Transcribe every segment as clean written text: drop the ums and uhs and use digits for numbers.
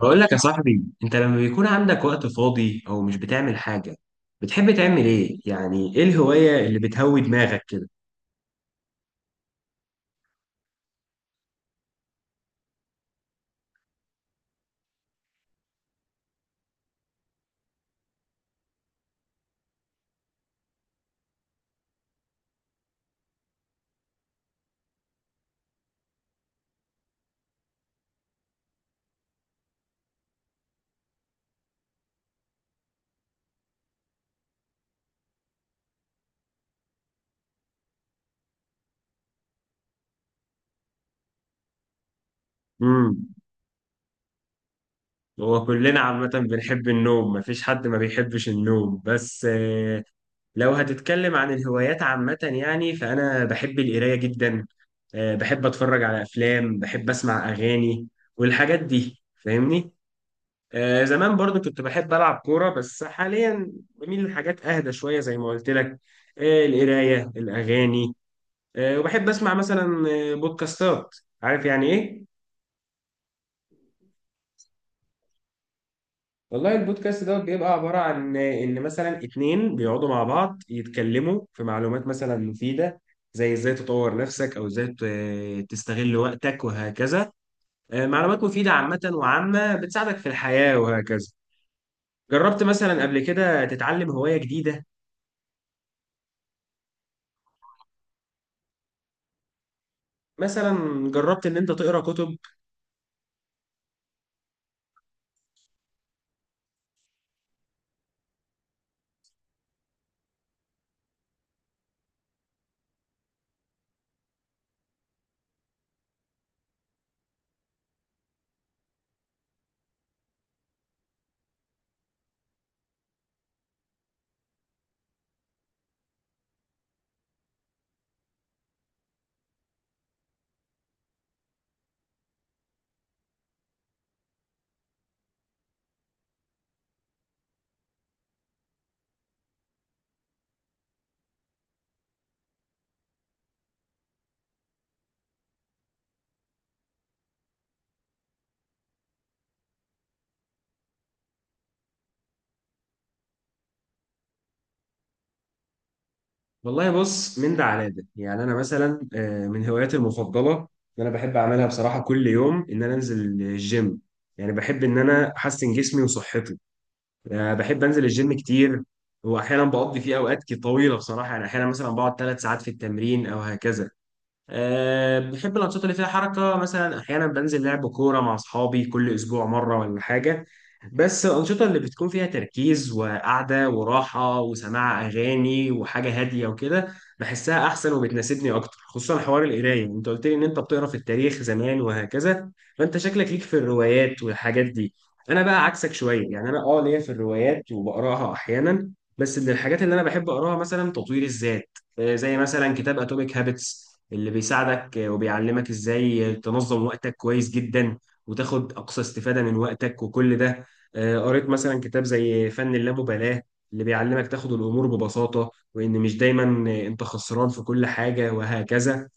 بقول لك يا صاحبي، انت لما بيكون عندك وقت فاضي او مش بتعمل حاجة، بتحب تعمل ايه؟ يعني ايه الهواية اللي بتهوي دماغك كده؟ امم هو كلنا عامة بنحب النوم، مفيش حد ما بيحبش النوم. بس لو هتتكلم عن الهوايات عامة، يعني فانا بحب القراية جدا. بحب اتفرج على افلام، بحب اسمع اغاني والحاجات دي، فاهمني؟ زمان برضو كنت بحب ألعب كورة، بس حاليا بميل لحاجات أهدى شوية زي ما قلت لك. القراية، الأغاني. وبحب أسمع مثلا بودكاستات. عارف يعني إيه؟ والله البودكاست دوت بيبقى عبارة عن إن مثلا اتنين بيقعدوا مع بعض يتكلموا في معلومات مثلا مفيدة، زي إزاي تطور نفسك أو إزاي تستغل وقتك وهكذا. معلومات مفيدة عامة، وعامة بتساعدك في الحياة وهكذا. جربت مثلا قبل كده تتعلم هواية جديدة؟ مثلا جربت ان انت تقرا كتب؟ والله بص، من ده على ده. يعني انا مثلا من هواياتي المفضله ان انا بحب اعملها بصراحه كل يوم ان انا انزل الجيم، يعني بحب ان انا احسن جسمي وصحتي. بحب انزل الجيم كتير، واحيانا بقضي فيه اوقات كتير طويله بصراحه. يعني احيانا مثلا بقعد 3 ساعات في التمرين او هكذا. بحب الأنشطة اللي فيها حركة. مثلا أحيانا بنزل لعب كورة مع أصحابي كل أسبوع مرة ولا حاجة. بس الأنشطة اللي بتكون فيها تركيز وقعدة وراحة وسماع أغاني وحاجة هادية وكده، بحسها أحسن وبتناسبني أكتر. خصوصا حوار القراية، أنت قلت لي إن أنت بتقرأ في التاريخ زمان وهكذا، فأنت شكلك ليك في الروايات والحاجات دي. أنا بقى عكسك شوية، يعني أنا ليا في الروايات وبقرأها أحيانا، بس من الحاجات اللي أنا بحب أقرأها مثلا تطوير الذات. زي مثلا كتاب اتوميك هابتس، اللي بيساعدك وبيعلمك ازاي تنظم وقتك كويس جدا وتاخد اقصى استفادة من وقتك وكل ده. قريت مثلا كتاب زي فن اللامبالاة، اللي بيعلمك تاخد الامور ببساطة وان مش دايما انت خسران في كل حاجة وهكذا.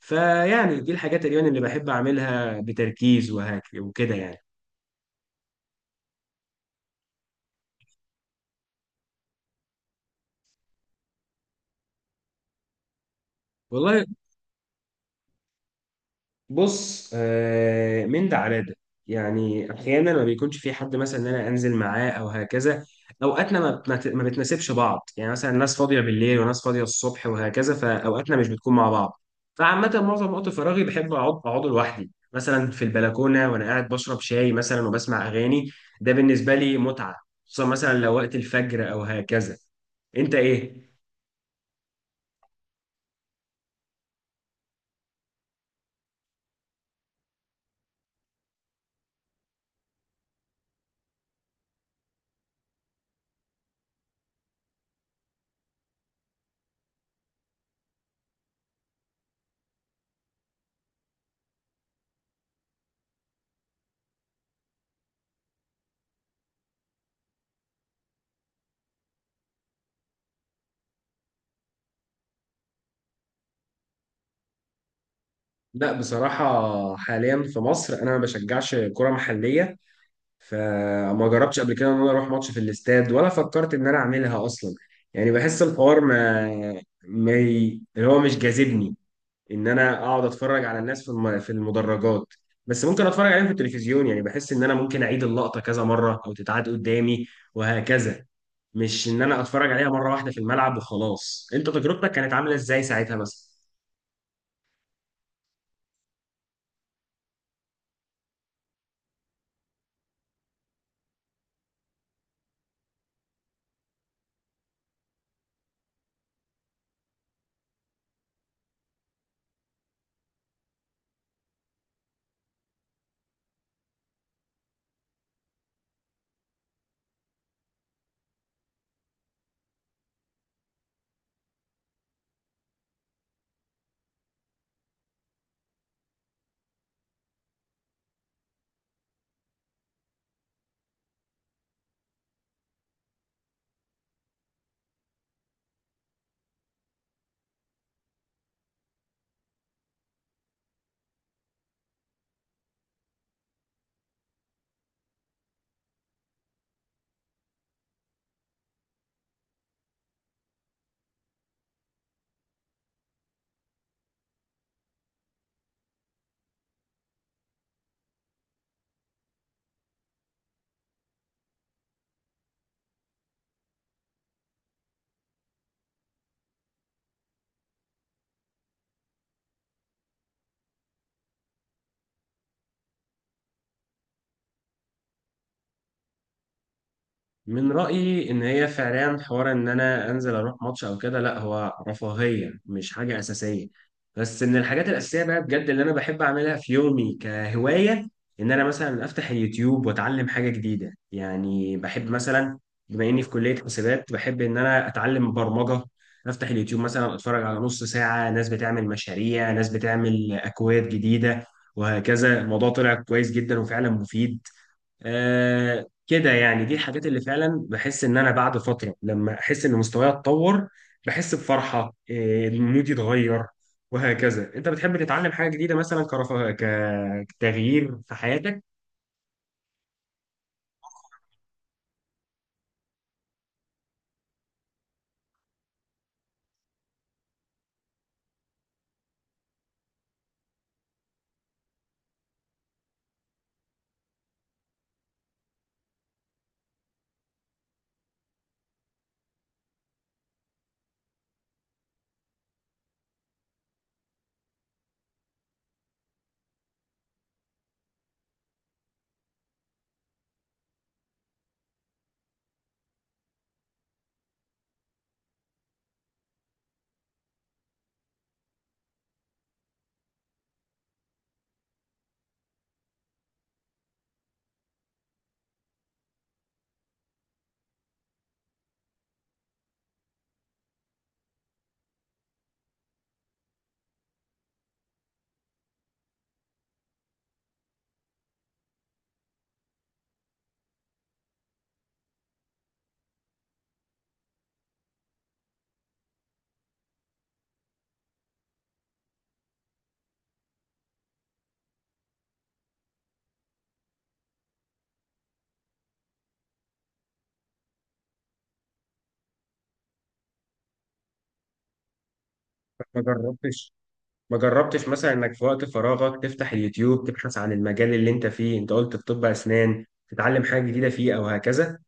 فيعني دي الحاجات اليوم اللي بحب اعملها بتركيز وكده يعني. والله بص، من ده على ده. يعني احيانا ما بيكونش في حد مثلا ان انا انزل معاه او هكذا، اوقاتنا ما بتناسبش بعض. يعني مثلا ناس فاضيه بالليل وناس فاضيه الصبح وهكذا، فاوقاتنا مش بتكون مع بعض. فعامه معظم وقت فراغي بحب اقعد اقعده لوحدي، مثلا في البلكونه وانا قاعد بشرب شاي مثلا وبسمع اغاني. ده بالنسبه لي متعه، خصوصا مثلا لو وقت الفجر او هكذا. انت ايه؟ لا بصراحه حاليا في مصر انا ما بشجعش كره محليه، فما جربتش قبل كده ان انا اروح ماتش في الاستاد، ولا فكرت ان انا اعملها اصلا. يعني بحس الحوار ما ما ي- اللي هو مش جاذبني ان انا اقعد اتفرج على الناس في في المدرجات. بس ممكن اتفرج عليهم في التلفزيون، يعني بحس ان انا ممكن اعيد اللقطة كذا مرة او تتعاد قدامي وهكذا، مش ان انا اتفرج عليها مرة واحدة في الملعب وخلاص. انت تجربتك كانت عاملة ازاي ساعتها مثلا؟ من رأيي إن هي فعليا حوار إن أنا أنزل أروح ماتش أو كده، لا هو رفاهية مش حاجة أساسية. بس من الحاجات الأساسية بقى بجد اللي أنا بحب أعملها في يومي كهواية، إن أنا مثلا أفتح اليوتيوب وأتعلم حاجة جديدة. يعني بحب مثلا، بما إني في كلية حسابات، بحب إن أنا أتعلم برمجة. أفتح اليوتيوب مثلا أتفرج على نص ساعة ناس بتعمل مشاريع، ناس بتعمل أكواد جديدة وهكذا. الموضوع طلع كويس جدا وفعلا مفيد. كده يعني دي الحاجات اللي فعلا بحس ان انا بعد فتره لما احس ان مستواي اتطور، بحس بفرحه، مودي اتغير وهكذا. انت بتحب تتعلم حاجه جديده مثلا كرفا كتغيير في حياتك؟ ما جربتش ما جربتش مثلا انك في وقت فراغك تفتح اليوتيوب تبحث عن المجال اللي انت فيه؟ انت قلت في طب اسنان، تتعلم حاجه جديده فيه او هكذا.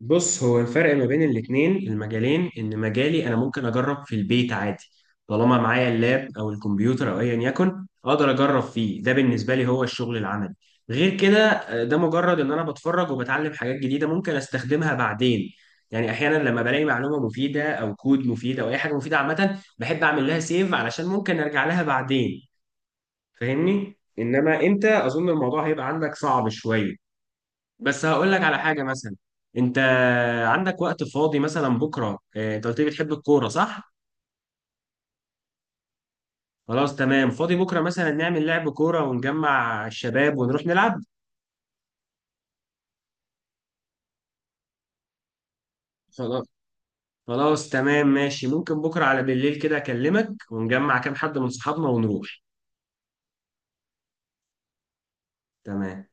بص، هو الفرق ما بين الاتنين المجالين ان مجالي انا ممكن اجرب في البيت عادي، طالما معايا اللاب او الكمبيوتر او ايا يكن اقدر اجرب فيه. ده بالنسبه لي هو الشغل العملي. غير كده ده مجرد ان انا بتفرج وبتعلم حاجات جديده ممكن استخدمها بعدين. يعني احيانا لما بلاقي معلومه مفيده او كود مفيد او اي حاجه مفيده عامه، بحب اعمل لها سيف علشان ممكن ارجع لها بعدين، فاهمني؟ انما انت اظن الموضوع هيبقى عندك صعب شويه. بس هقول لك على حاجة مثلا. انت عندك وقت فاضي مثلا بكرة؟ انت قلت لي بتحب الكورة صح؟ خلاص تمام، فاضي بكرة مثلا نعمل لعب كورة ونجمع الشباب ونروح نلعب. خلاص. خلاص تمام ماشي، ممكن بكرة على بالليل كده اكلمك ونجمع كام حد من صحابنا ونروح. تمام.